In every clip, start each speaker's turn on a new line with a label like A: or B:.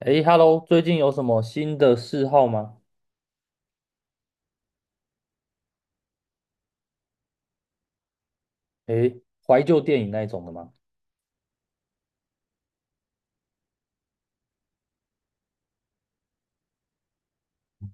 A: 诶 h e l l o 最近有什么新的嗜好吗？诶，怀旧电影那一种的吗？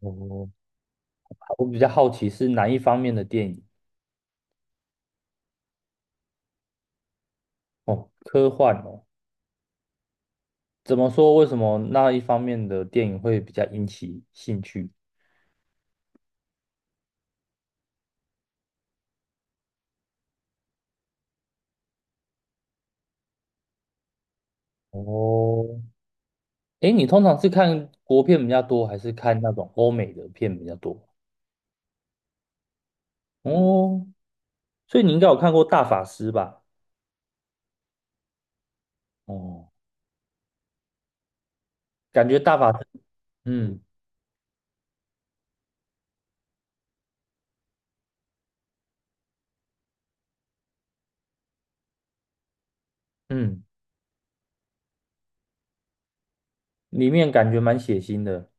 A: 哦，我比较好奇是哪一方面的电影。哦，科幻哦。怎么说？为什么那一方面的电影会比较引起兴趣？哦，诶，你通常是看国片比较多，还是看那种欧美的片比较多？哦，所以你应该有看过《大法师》吧？哦，感觉《大法师》嗯嗯，里面感觉蛮血腥的。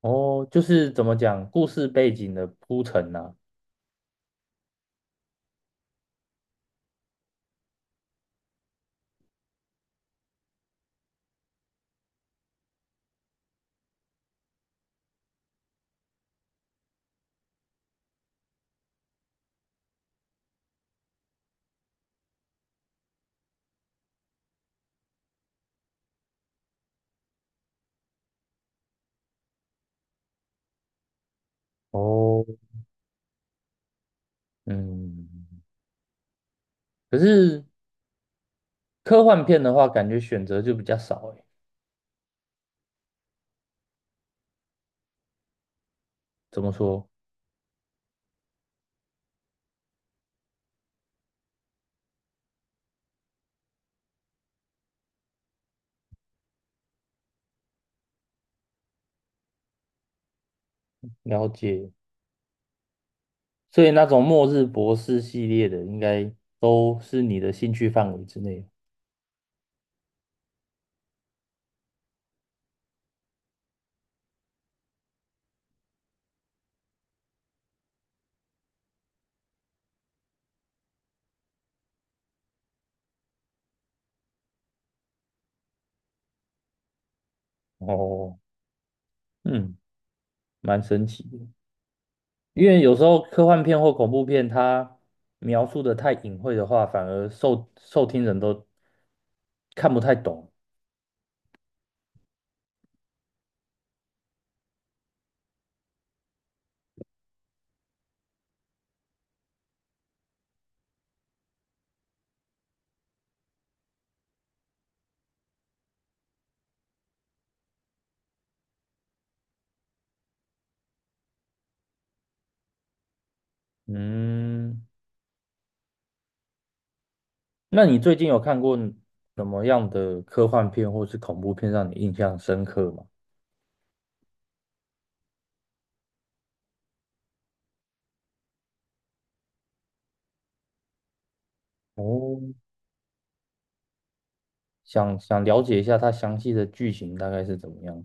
A: 哦，就是怎么讲，故事背景的铺陈呐、哦，嗯，可是科幻片的话，感觉选择就比较少诶。怎么说？了解。所以那种末日博士系列的，应该都是你的兴趣范围之内。哦，嗯，蛮神奇的。因为有时候科幻片或恐怖片，它描述的太隐晦的话，反而受听人都看不太懂。嗯，那你最近有看过什么样的科幻片或是恐怖片让你印象深刻吗？哦，想了解一下它详细的剧情大概是怎么样。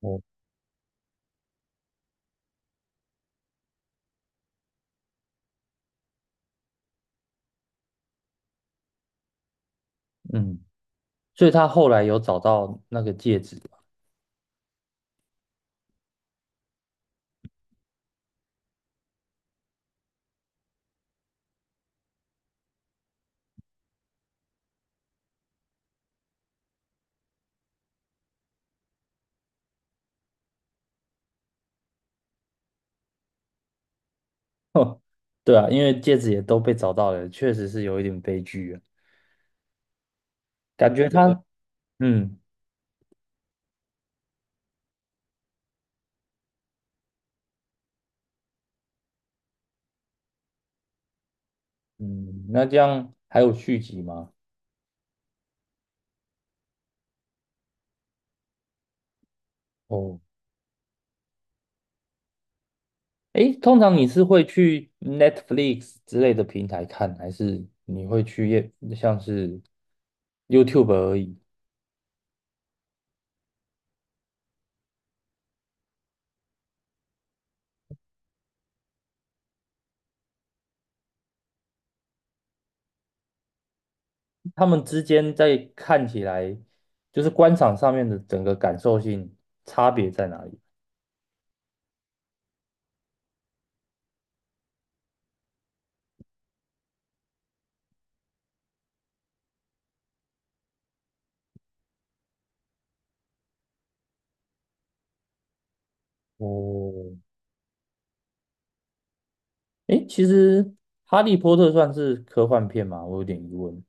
A: 哦，嗯，所以他后来有找到那个戒指吗。对啊，因为戒指也都被找到了，确实是有一点悲剧啊。感觉他，嗯嗯，那这样还有续集吗？哦，诶，通常你是会去 Netflix 之类的平台看，还是你会去也像是 YouTube 而已？他们之间在看起来，就是观赏上面的整个感受性差别在哪里？哦，诶，其实《哈利波特》算是科幻片嘛，我有点疑问。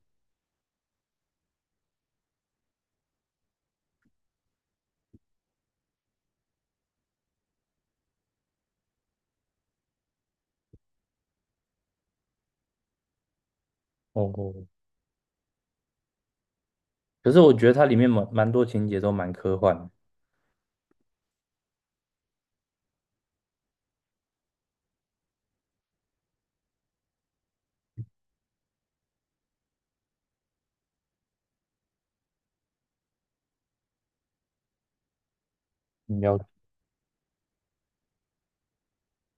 A: 哦，可是我觉得它里面蛮多情节都蛮科幻的。你了解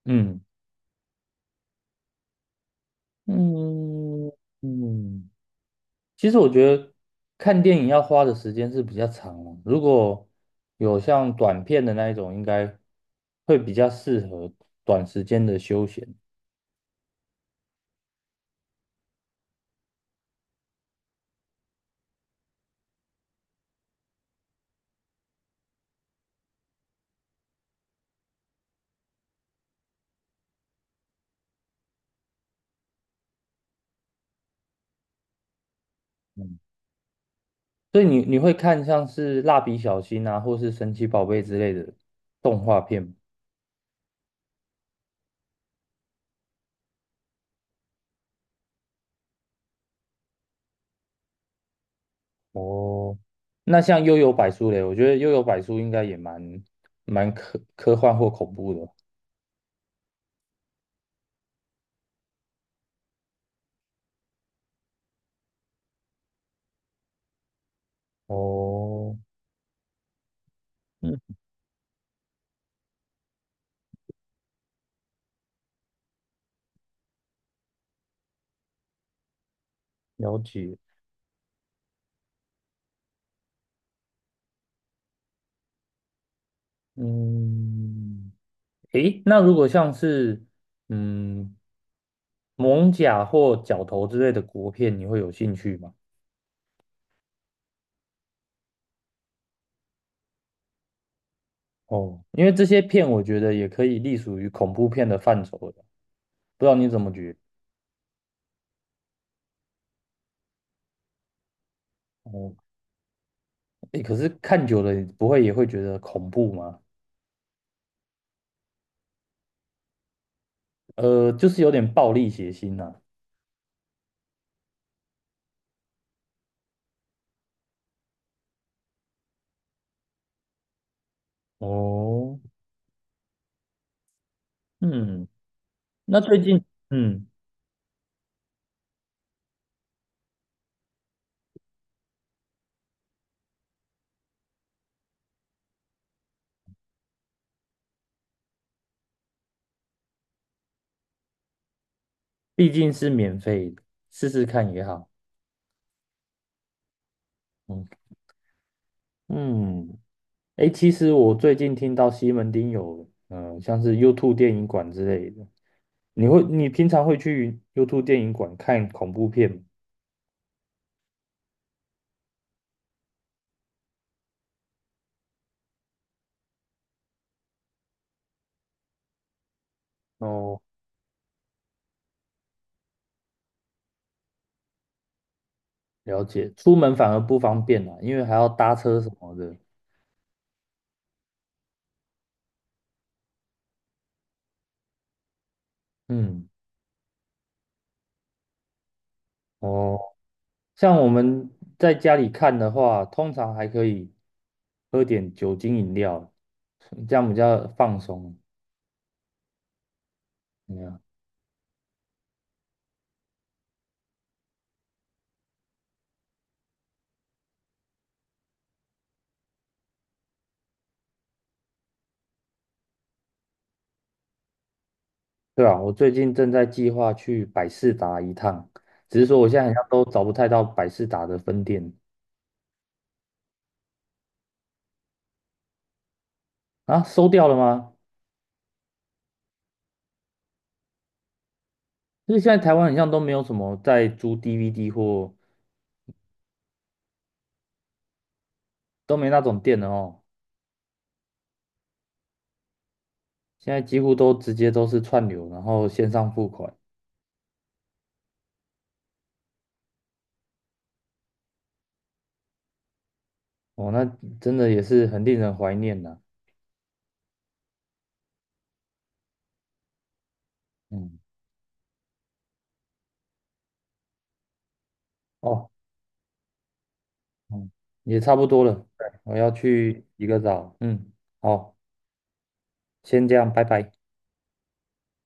A: 嗯嗯嗯，其实我觉得看电影要花的时间是比较长了，如果有像短片的那一种，应该会比较适合短时间的休闲。嗯，所以你会看像是蜡笔小新啊，或是神奇宝贝之类的动画片吗。哦，那像幽游白书嘞，我觉得幽游白书应该也蛮幻或恐怖的。哦，嗯，了解。嗯，诶，那如果像是嗯蒙甲或角头之类的国片，你会有兴趣吗？哦，因为这些片我觉得也可以隶属于恐怖片的范畴的，不知道你怎么觉得？哦，诶，可是看久了，你不会也会觉得恐怖吗？就是有点暴力血腥呐、哦，嗯，那最近，嗯，毕竟是免费的试试看也好。嗯嗯，诶，其实我最近听到西门町有，像是 YouTube 电影馆之类的。你会，你平常会去 YouTube 电影馆看恐怖片吗？哦，了解。出门反而不方便啦，因为还要搭车什么的。嗯，哦，像我们在家里看的话，通常还可以喝点酒精饮料，这样比较放松。怎么样对啊，我最近正在计划去百事达一趟，只是说我现在好像都找不太到百事达的分店。啊，收掉了吗？因是现在台湾好像都没有什么在租 DVD 或都没那种店了哦，现在几乎都直接都是串流，然后线上付款，哦，那真的也是很令人怀念呐、嗯，哦，嗯，也差不多了，对我要去洗个澡，嗯，好，先这样，拜拜。